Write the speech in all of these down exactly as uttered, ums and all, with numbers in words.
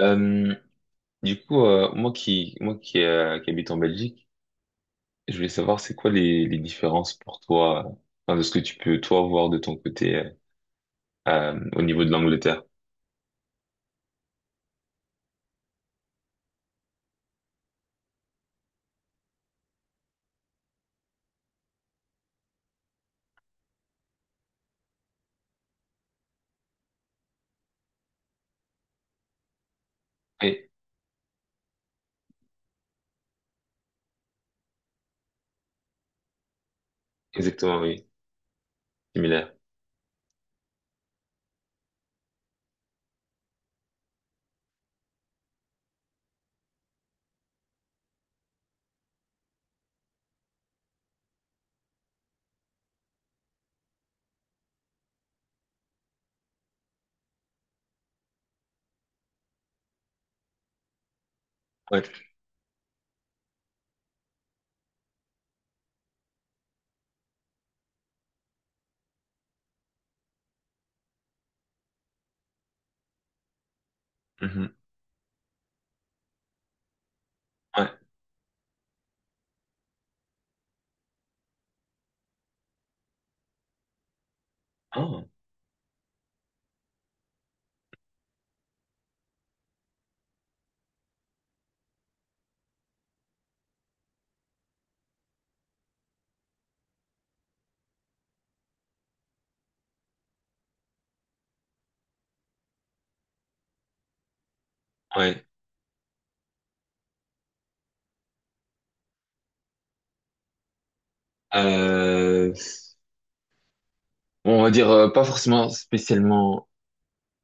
Euh, du coup, euh, moi qui, moi qui, euh, qui habite en Belgique, je voulais savoir c'est quoi les, les différences pour toi, euh, enfin, de ce que tu peux toi voir de ton côté euh, euh, au niveau de l'Angleterre. Oui, exactement, oui, similaire. Ouais. Mhm. Ouais. Ah, ouais. Euh, bon, on va dire euh, pas forcément spécialement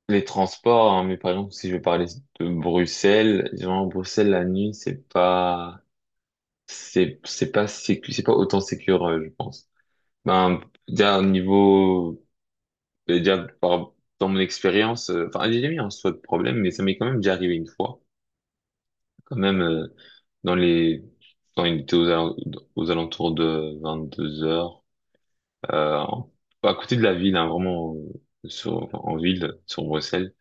les transports, hein, mais par exemple si je vais parler de Bruxelles, genre Bruxelles la nuit c'est pas, c'est c'est pas sécu, c'est pas autant sécure, euh, je pense. Ben, déjà, au niveau, ben, déjà, par, dans mon expérience, euh, enfin, j'ai jamais eu en soi de problème, mais ça m'est quand même déjà arrivé une fois. Quand même, euh, dans les, quand il était aux, al- aux alentours de vingt-deux heures, euh, en- à côté de la ville, hein, vraiment, euh, sur, enfin, en ville, sur Bruxelles,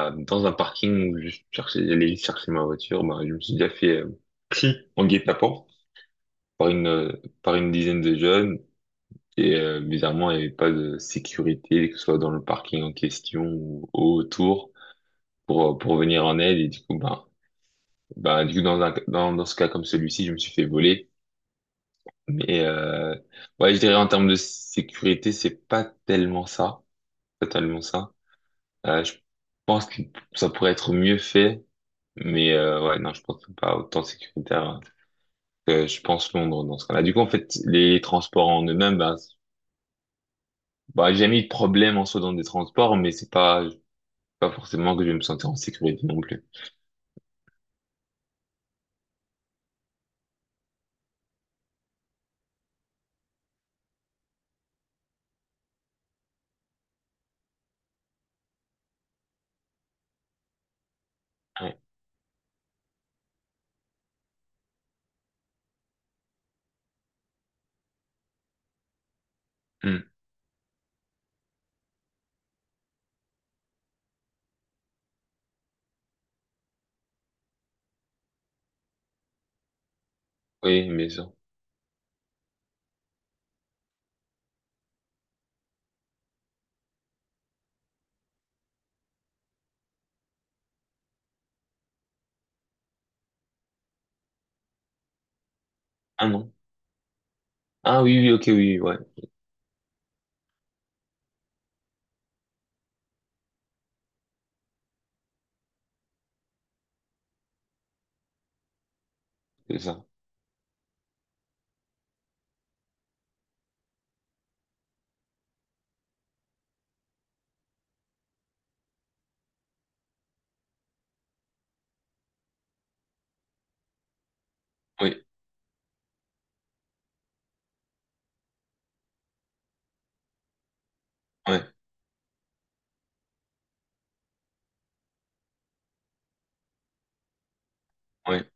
euh, dans un parking où je cherchais, j'allais juste chercher ma voiture, ben, je me suis déjà fait, euh, pris en guet-apens par une, euh, par une dizaine de jeunes. Et euh, bizarrement, il n'y avait pas de sécurité, que ce soit dans le parking en question ou autour, pour, euh, pour venir en aide. Et du coup, ben, ben, du coup, dans un, dans, dans ce cas comme celui-ci, je me suis fait voler. Mais euh, ouais, je dirais en termes de sécurité, c'est pas tellement ça, pas tellement ça. Euh, je pense que Ça pourrait être mieux fait, mais euh, ouais, non, je pense que c'est pas autant sécuritaire que je pense Londres dans ce cas-là. Du coup, en fait, les transports en eux-mêmes, ben, bah, j'ai jamais eu de problème en soi dans des transports, mais c'est pas, pas forcément que je vais me sentir en sécurité non plus. Ouais. Hmm. Oui, bien sûr. Ah non. Ah oui, oui, ok, oui, oui, ouais, c'est ça. Oui, ouais, ouais,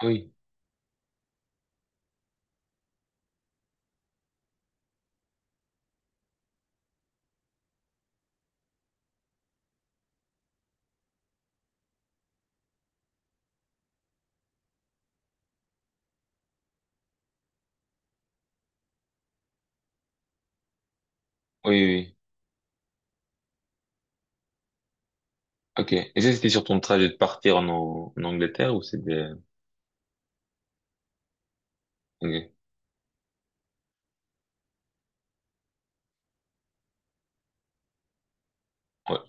ah oui, oui, oui. Oui. Ok. Et ça, c'était sur ton trajet de partir en, en Angleterre ou c'était... Ok. Ouais,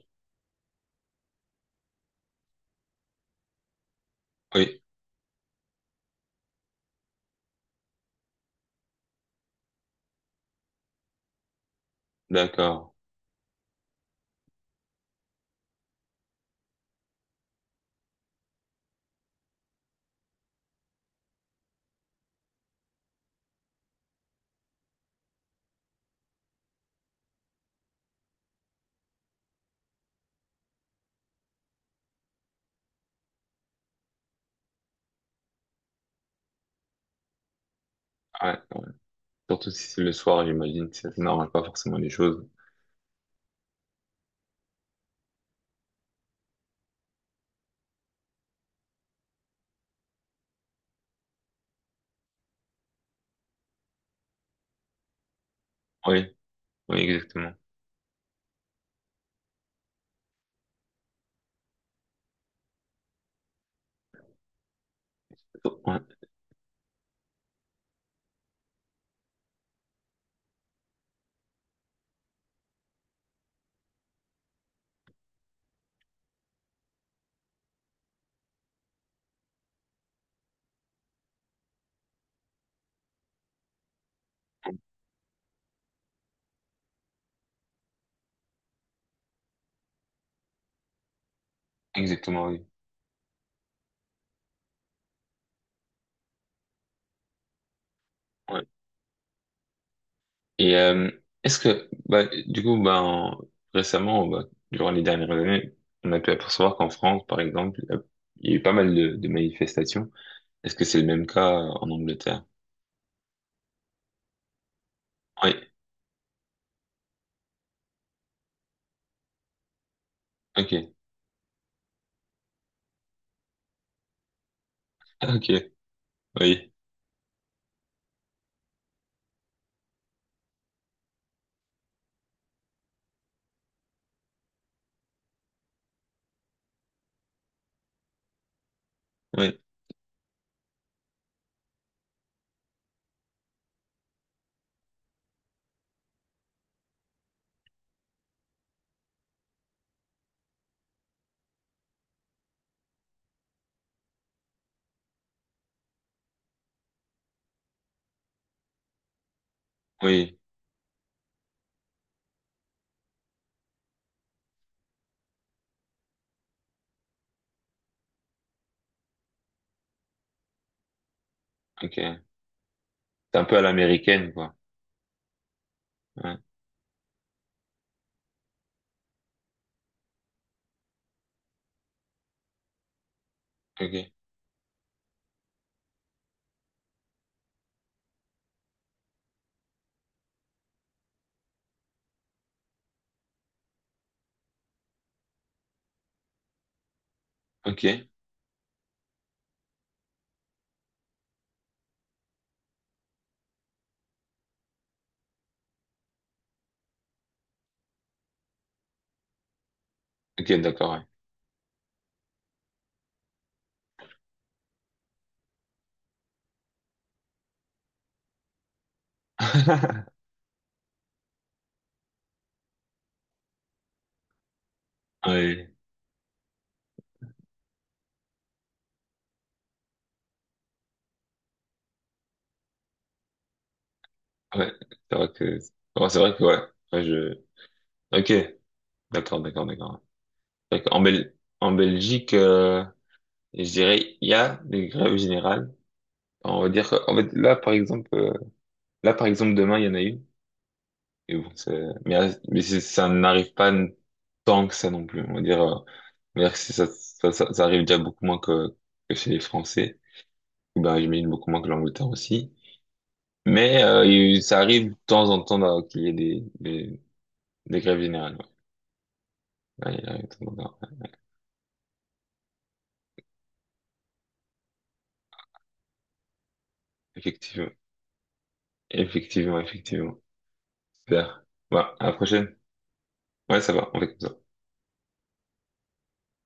oui, d'accord. Ouais, ouais. Surtout si c'est le soir, j'imagine, ça ne pas forcément les choses. Oui, oui, exactement. Ouais, exactement, oui. Ouais. Et euh, est-ce que, bah, du coup, bah, en- récemment, bah, durant les dernières années, on a pu apercevoir qu'en France, par exemple, euh, il y a eu pas mal de, de manifestations. Est-ce que c'est le même cas euh, en Angleterre? Oui, ok, ah, ok, oui, oui, oui, ok. C'est un peu à l'américaine, quoi. Ouais. Ok, ok, ok, d'accord, ouais. Oui, ouais, c'est vrai que, ouais, c'est vrai que, ouais, ouais, je, ok, d'accord, d'accord, d'accord. Fait qu'en Bel- En Belgique, euh, et je dirais, il y a des grèves générales. On va dire que, en fait, là, par exemple, euh, là, par exemple, demain, il y en a eu. Et bon, c'est- mais, euh, mais c'est- ça n'arrive pas n- tant que ça non plus. On va dire, euh, on va dire que c'est- ça, ça, ça, ça arrive déjà beaucoup moins que, que chez les Français. Et ben, j'imagine beaucoup moins que l'Angleterre aussi. Mais euh, il- ça arrive de temps en temps dans- qu'il y ait des, des, des grèves générales. Ouais. Ouais, il arrive de temps en temps. Effectivement, effectivement, effectivement. Super. Voilà, à la prochaine. Ouais, ça va, on fait comme ça.